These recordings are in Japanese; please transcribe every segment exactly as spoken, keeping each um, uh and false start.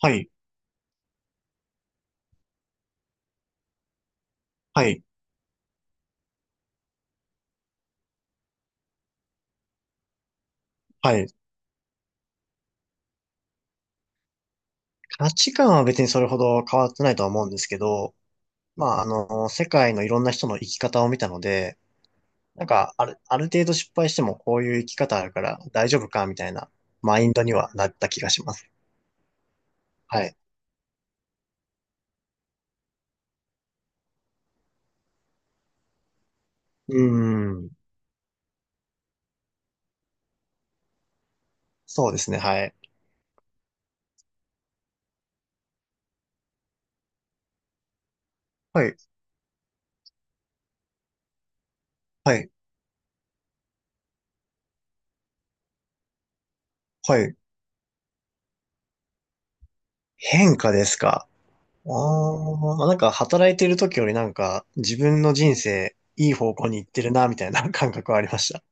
はい、はい、はい。価値観は別にそれほど変わってないとは思うんですけど、まあ、あの、世界のいろんな人の生き方を見たので、なんか、ある、ある程度失敗してもこういう生き方あるから大丈夫か、みたいなマインドにはなった気がします。はい。うーん。そうですね、はい。はい、はい、はい。変化ですか。ああなんか働いてる時よりなんか自分の人生いい方向に行ってるな、みたいな感覚はありました。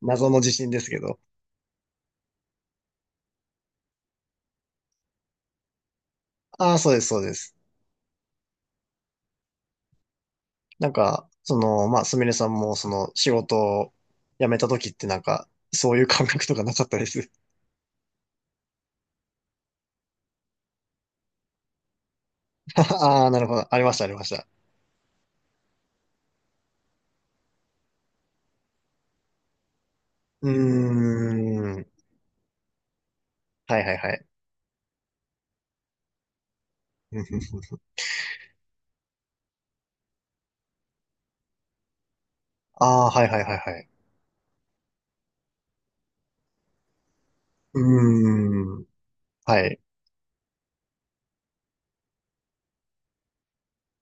謎の自信ですけど。ああ、そうです、そうです。なんか、その、まあ、すみれさんも、その、仕事を辞めた時ってなんか、そういう感覚とかなかったです。ああ、なるほど。ありました、ありました。うーん。はいはいはい。ああ、はいはいはいはい。うーん。はい。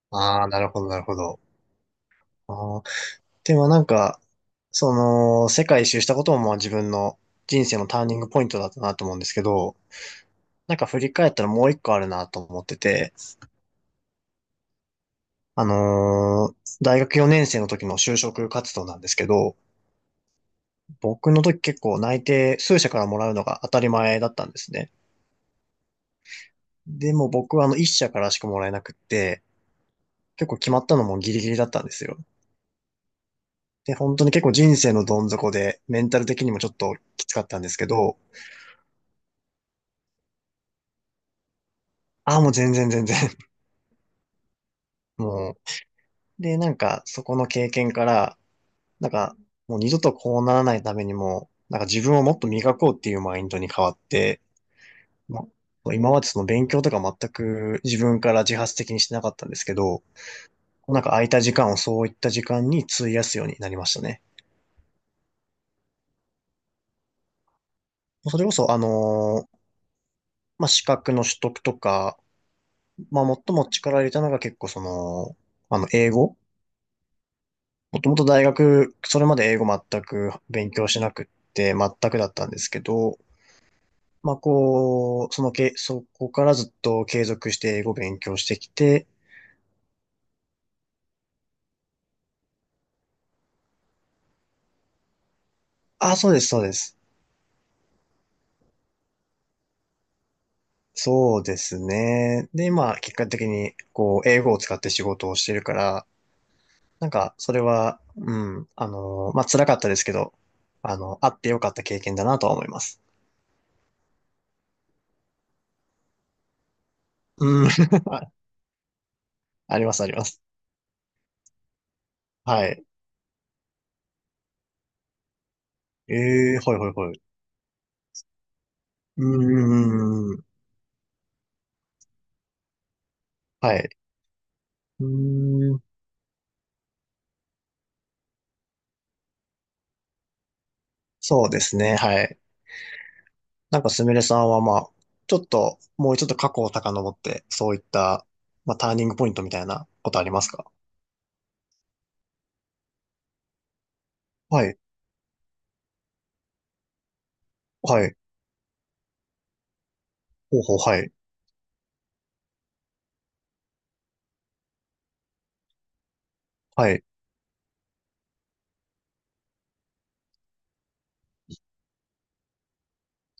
ああ、なるほど、なるほど。ああ、でもなんか、その、世界一周したこともまあ自分の人生のターニングポイントだったなと思うんですけど、なんか振り返ったらもう一個あるなと思ってて、あのー大学よねん生の時の就職活動なんですけど、僕の時結構内定数社からもらうのが当たり前だったんですね。でも僕はあのいっしゃ社からしかもらえなくって、結構決まったのもギリギリだったんですよ。で、本当に結構人生のどん底で、メンタル的にもちょっときつかったんですけど、ああ、もう全然全然、もう。で、なんかそこの経験から、なんかもう二度とこうならないためにも、なんか自分をもっと磨こうっていうマインドに変わって、まあ、今までその勉強とか全く自分から自発的にしてなかったんですけど、なんか空いた時間をそういった時間に費やすようになりましたね。それこそ、あのーまあ、資格の取得とか、まあ、最も力を入れたのが結構その、あの、英語。もともと大学、それまで英語全く勉強しなくって、全くだったんですけど、まあ、こう、そのけ、そこからずっと継続して英語勉強してきて、あ、そうです、そうです。そうですね。で、今、結果的に、こう、英語を使って仕事をしてるから、なんか、それは、うん、あの、まあ、辛かったですけど、あの、あってよかった経験だなとは思います。うん、ああります、あります。はい。ええはい、はい、はい。うーん、はい。うーん、そうですね、はい。なんか、すみれさんは、まあ、ちょっと、もうちょっと過去を遡って、そういった、まあ、ターニングポイントみたいなことありますか？はい、はい。ほうほう、はい、はい。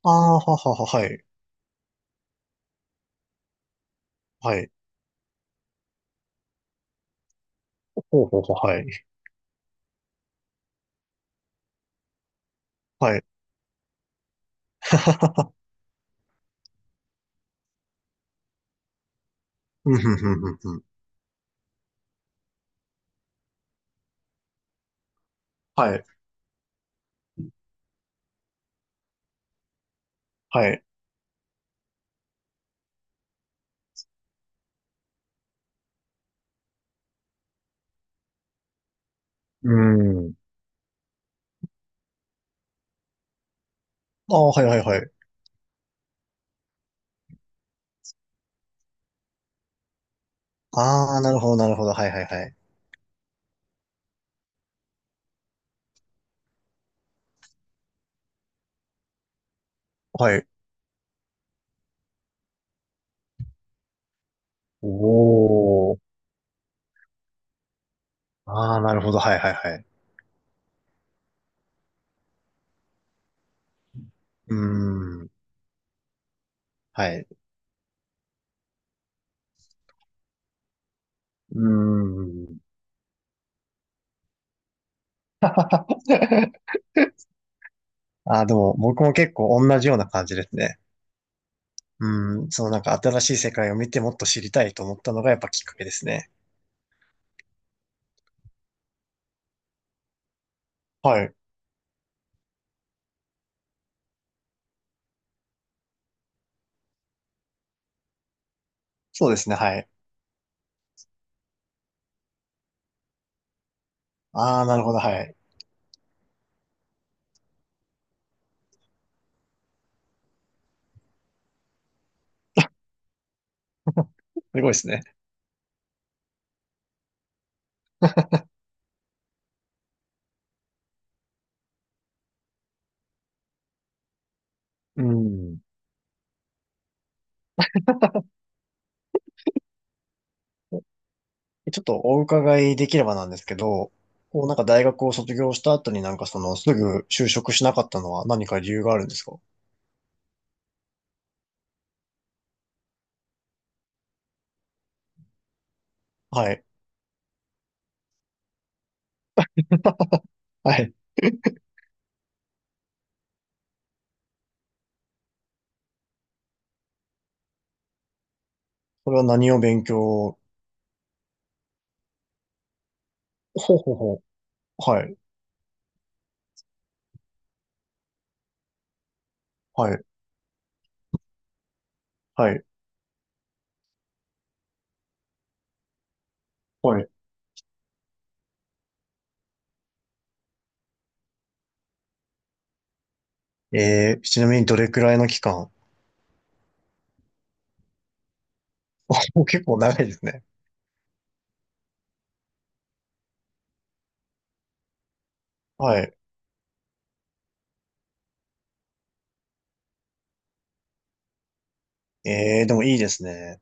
ああ、ははは、はい。はい。ほうほうほう、はい。はい。うん、ふんふんふんふん。はい。はい。うん。ああ、はいはいはい。ああ、なるほど、なるほど。はいはいはい。はい。おー。ああ、なるほど。はいはいはい。うーん。はい。うーん。ああ、でも僕も結構同じような感じですね。うん。そのなんか新しい世界を見てもっと知りたいと思ったのがやっぱきっかけですね。はい。そうですね。はい。ああ、なるほど。はい。すごいですね。うん。ちょっとお伺いできればなんですけど、こうなんか大学を卒業した後になんかそのすぐ就職しなかったのは何か理由があるんですか？はい。はい。それは何を勉強？ほうほうほう。はい。はい。はい。はい。えー、ちなみにどれくらいの期間？ もう結構長いですね。はい。えー、でもいいですね。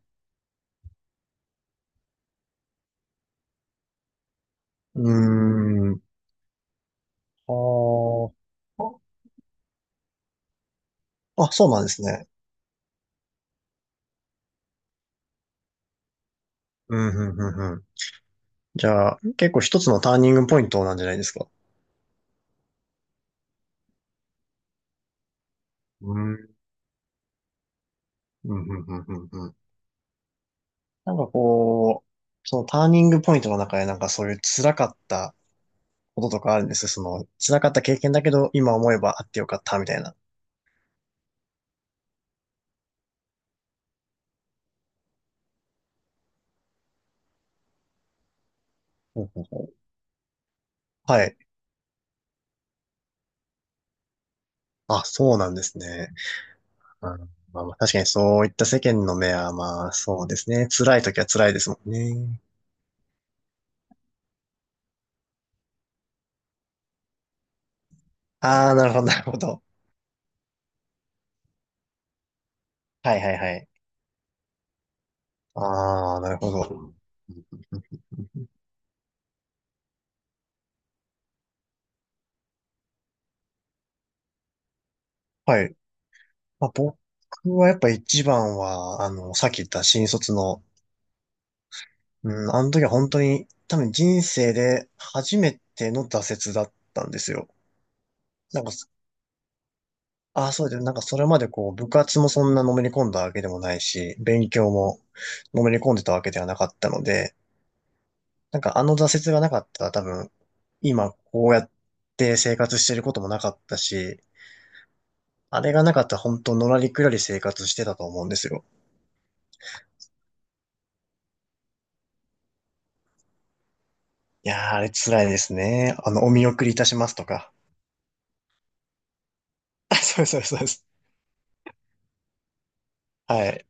うーん。あーあ、あそうなんですね。うん、うん、うん、うん。じゃあ、結構一つのターニングポイントなんじゃないですか？うん、うん、うん、うん、うん。うんなんかこう、そのターニングポイントの中でなんかそういう辛かったこととかあるんですよその辛かった経験だけど今思えばあってよかったみたいな。ほうほうほうはい。あ、そうなんですね。うん、まあ、まあ確かにそういった世間の目はまあそうですね。辛い時は辛いですもんね。ああ、なるほど、なるほど。はいはいはい。ああ、なるほど。はい。まあ、僕はやっぱ一番は、あの、さっき言った新卒の。うん、あの時は本当に多分人生で初めての挫折だったんですよ。なんかそ、ああ、そうで、なんかそれまでこう部活もそんなのめり込んだわけでもないし、勉強ものめり込んでたわけではなかったので、なんかあの挫折がなかったら多分今こうやって生活してることもなかったし、あれがなかったら本当のらりくらり生活してたと思うんですよ。いやー、あれ辛いですね。あの、お見送りいたしますとか。そうそうですそうです。はい。